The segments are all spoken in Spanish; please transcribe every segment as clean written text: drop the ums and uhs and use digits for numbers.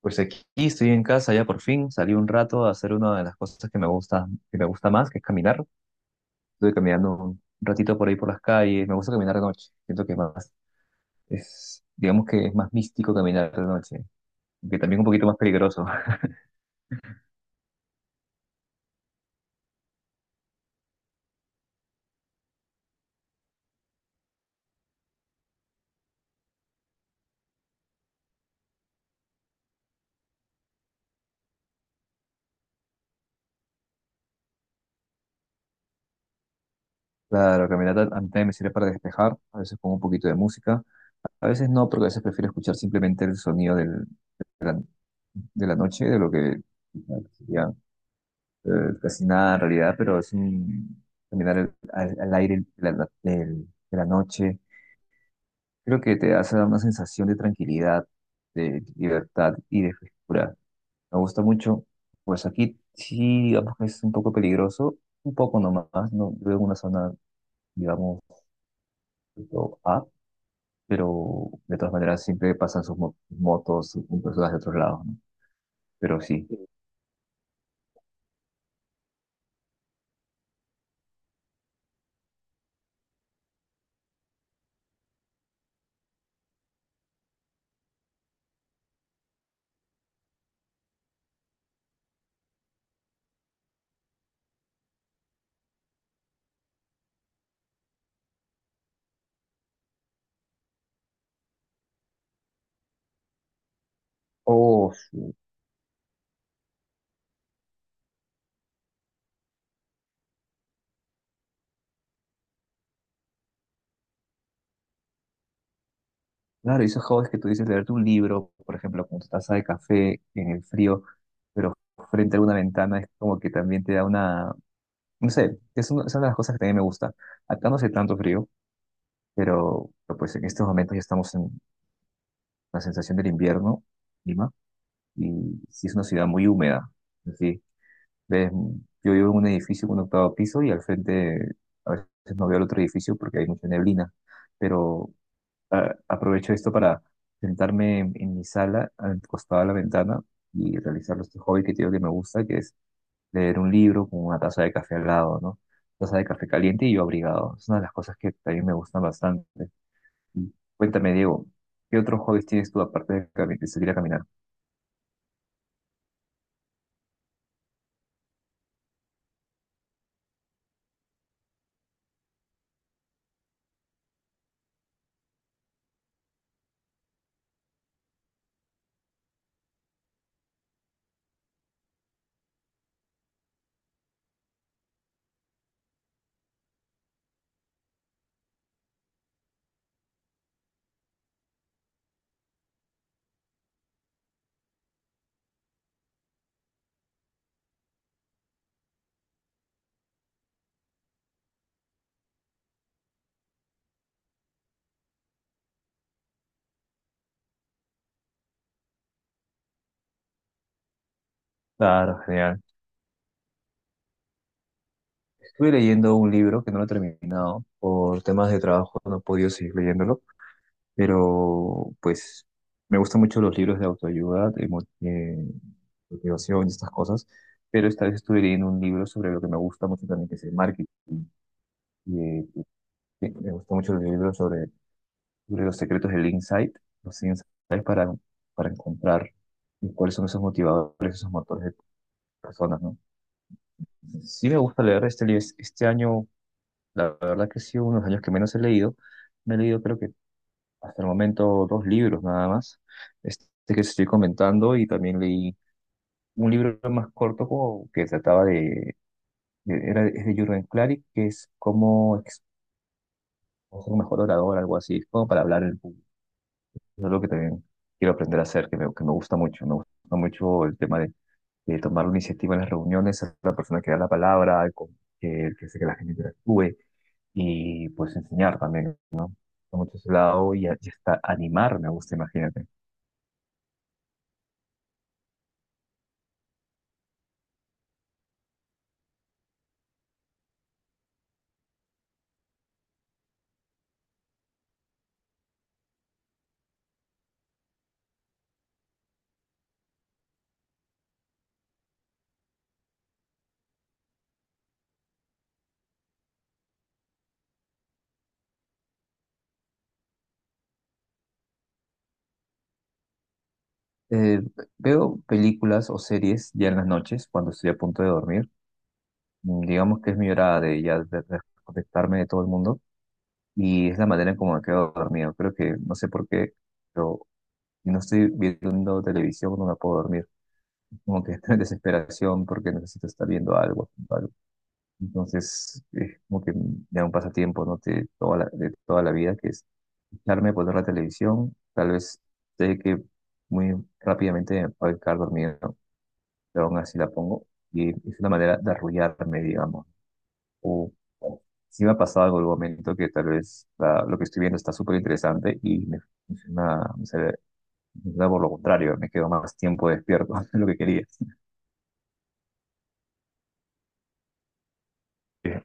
Pues aquí estoy en casa, ya por fin salí un rato a hacer una de las cosas que me gusta más, que es caminar. Estuve caminando un ratito por ahí por las calles, me gusta caminar de noche, siento que más es, digamos que es más místico caminar de noche, que también un poquito más peligroso. Claro, caminar a mí también me sirve para despejar, a veces pongo un poquito de música, a veces no, porque a veces prefiero escuchar simplemente el sonido de de la noche, de lo que eh, casi nada en realidad, pero es un caminar al aire de de la noche. Creo que te hace una sensación de tranquilidad, de libertad y de frescura. Me gusta mucho. Pues aquí sí, digamos que es un poco peligroso, un poco nomás. No veo en una zona, digamos, tipo A, pero de todas maneras siempre pasan sus motos, sus personas de otros lados, ¿no? Pero sí. Oh, sí. Claro, y esos hobbies que tú dices, leerte un libro, por ejemplo, con tu taza de café en el frío, pero frente a una ventana, es como que también te da una, no sé, es una de las cosas que también me gusta. Acá no hace tanto frío, pero, pues en estos momentos ya estamos en la sensación del invierno, Lima, y sí es una ciudad muy húmeda. Sí, ves, yo vivo en un edificio con un octavo piso y al frente a veces no veo el otro edificio porque hay mucha neblina, pero aprovecho esto para sentarme en mi sala, al costado de la ventana, y realizar este hobby que tengo que me gusta, que es leer un libro con una taza de café al lado, ¿no? Taza de café caliente y yo abrigado. Es una de las cosas que también me gustan bastante. Y cuéntame, Diego, ¿qué otros hobbies tienes tú aparte de salir a caminar? Claro, genial. Estuve leyendo un libro que no lo he terminado. Por temas de trabajo no he podido seguir leyéndolo pero pues me gustan mucho los libros de autoayuda, de motivación y estas cosas, pero esta vez estuve leyendo un libro sobre lo que me gusta mucho también, que es el marketing. Y, Me gustan mucho los libros sobre los secretos del insight, los insights para, para encontrar cuáles son esos motivadores, esos motores de personas, ¿no? Sí me gusta leer este libro. Este año, la verdad que sí, unos años que menos he leído. Me he leído creo que hasta el momento dos libros nada más. Este que estoy comentando y también leí un libro más corto como que trataba de- era, es de Jürgen Klarik, que es cómo ser un mejor orador, algo así, como para hablar en público. Es algo que también quiero aprender a hacer, que me gusta mucho. Me gusta mucho el tema de tomar la iniciativa en las reuniones, ser la persona que da la palabra, el que hace que la gente interactúe y pues enseñar también, ¿no? Por mucho ese lado y hasta animar, me gusta, imagínate. Eh, Veo películas o series ya en las noches cuando estoy a punto de dormir. Digamos que es mi hora de ya de desconectarme de todo el mundo y es la manera en cómo me quedo dormido. Creo que no sé por qué, pero si no estoy viendo televisión no me puedo dormir. Como que estoy en desesperación porque necesito estar viendo algo, haciendo algo. Entonces es como que ya un pasatiempo, ¿no? De de toda la vida que es echarme a poner la televisión. Tal vez sé que muy rápidamente me voy a quedar dormido pero aún así la pongo. Y es una manera de arrullarme, digamos. O o sí me ha pasado algo en algún momento que tal vez lo que estoy viendo está súper interesante y funciona, me sale- me funciona por lo contrario, me quedo más tiempo despierto de lo que quería. Eh,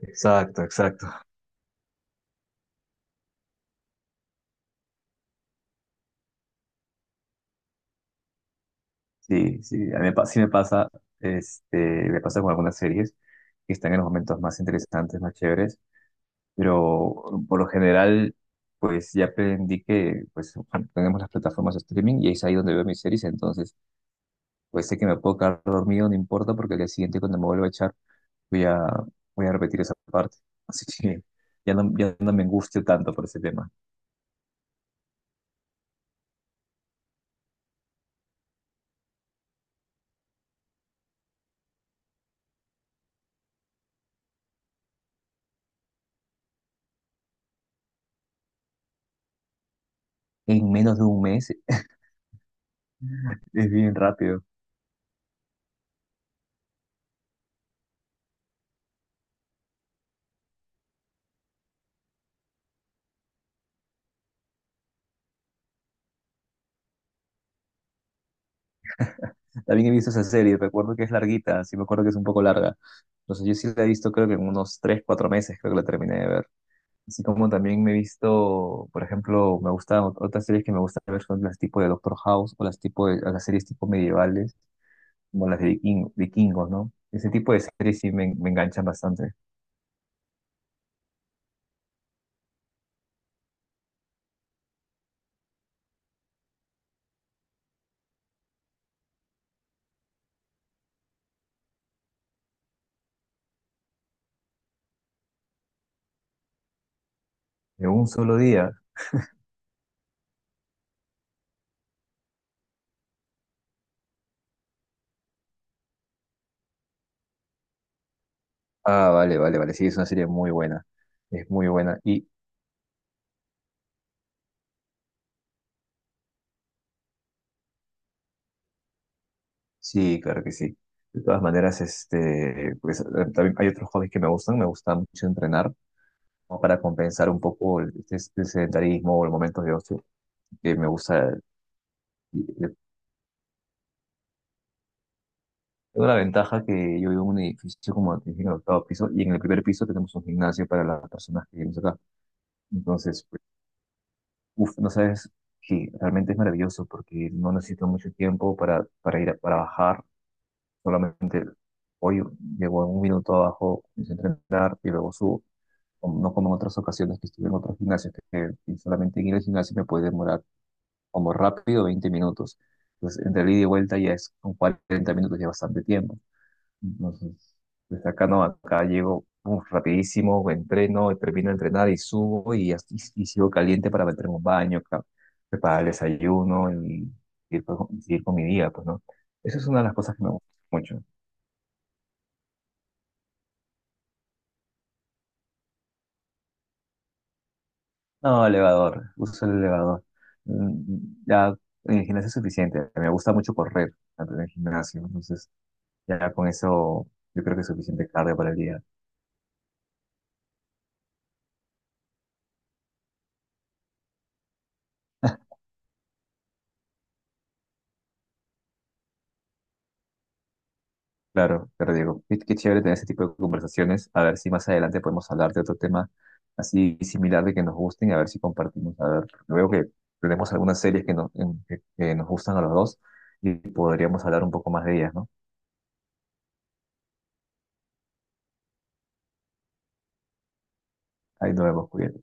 Exacto, exacto. Sí, sí, a mí me pa- sí me pasa, este, me pasa con algunas series que están en los momentos más interesantes, más chéveres, pero por lo general, pues ya aprendí que pues bueno, tenemos las plataformas de streaming y es ahí donde veo mis series, entonces pues sé que me puedo quedar dormido, no importa, porque al día siguiente cuando me vuelva a echar voy a, voy a repetir esa parte. Así que ya no, ya no me angustio tanto por ese tema. ¿En menos de un mes? Es bien rápido. También he visto esa serie, recuerdo que es larguita, sí me acuerdo que es un poco larga. Entonces yo sí la he visto creo que en unos 3 4 meses creo que la terminé de ver. Así como también me he visto, por ejemplo, me gustan otras series que me gusta ver son las tipo de Doctor House o las tipo las series tipo medievales como las de vikingos, ¿no? Ese tipo de series me enganchan bastante. De un solo día. Ah, vale, vale, vale. Sí, es una serie muy buena. Es muy buena. Y sí, claro que sí. De todas maneras, este, pues, también hay otros hobbies que me gustan. Me gusta mucho entrenar como para compensar un poco el sedentarismo o los momentos de ocio que me gusta. Y, eh, Tengo la ventaja que yo vivo en un edificio como te dije, en el octavo piso y en el primer piso tenemos un gimnasio para las personas que vivimos acá. Entonces, uf, no sabes, sí, realmente es maravilloso porque no necesito mucho tiempo para bajar. Solamente hoy llevo un minuto abajo, empiezo a entrenar y luego subo. O no como en otras ocasiones que estuve en otros gimnasios, que solamente en ir al gimnasio me puede demorar como rápido 20 minutos. Entonces, entre el ida y vuelta ya es con 40 minutos, ya bastante tiempo. Entonces, desde acá no, acá llego uf, rapidísimo, entreno, termino de entrenar y subo y sigo caliente para meterme un baño, preparar el desayuno y, seguir con mi día, pues, ¿no? Eso es una de las cosas que me gusta mucho. No, elevador, uso el elevador. Mm, ya en el gimnasio es suficiente, me gusta mucho correr antes del gimnasio, entonces ya con eso yo creo que es suficiente carga para el día. Claro, pero Diego, qué, qué chévere tener ese tipo de conversaciones. A ver si más adelante podemos hablar de otro tema así similar de que nos gusten y a ver si compartimos. A ver, veo que tenemos algunas series que que nos gustan a los dos y podríamos hablar un poco más de ellas, ¿no? Ahí nos vemos, cuídate.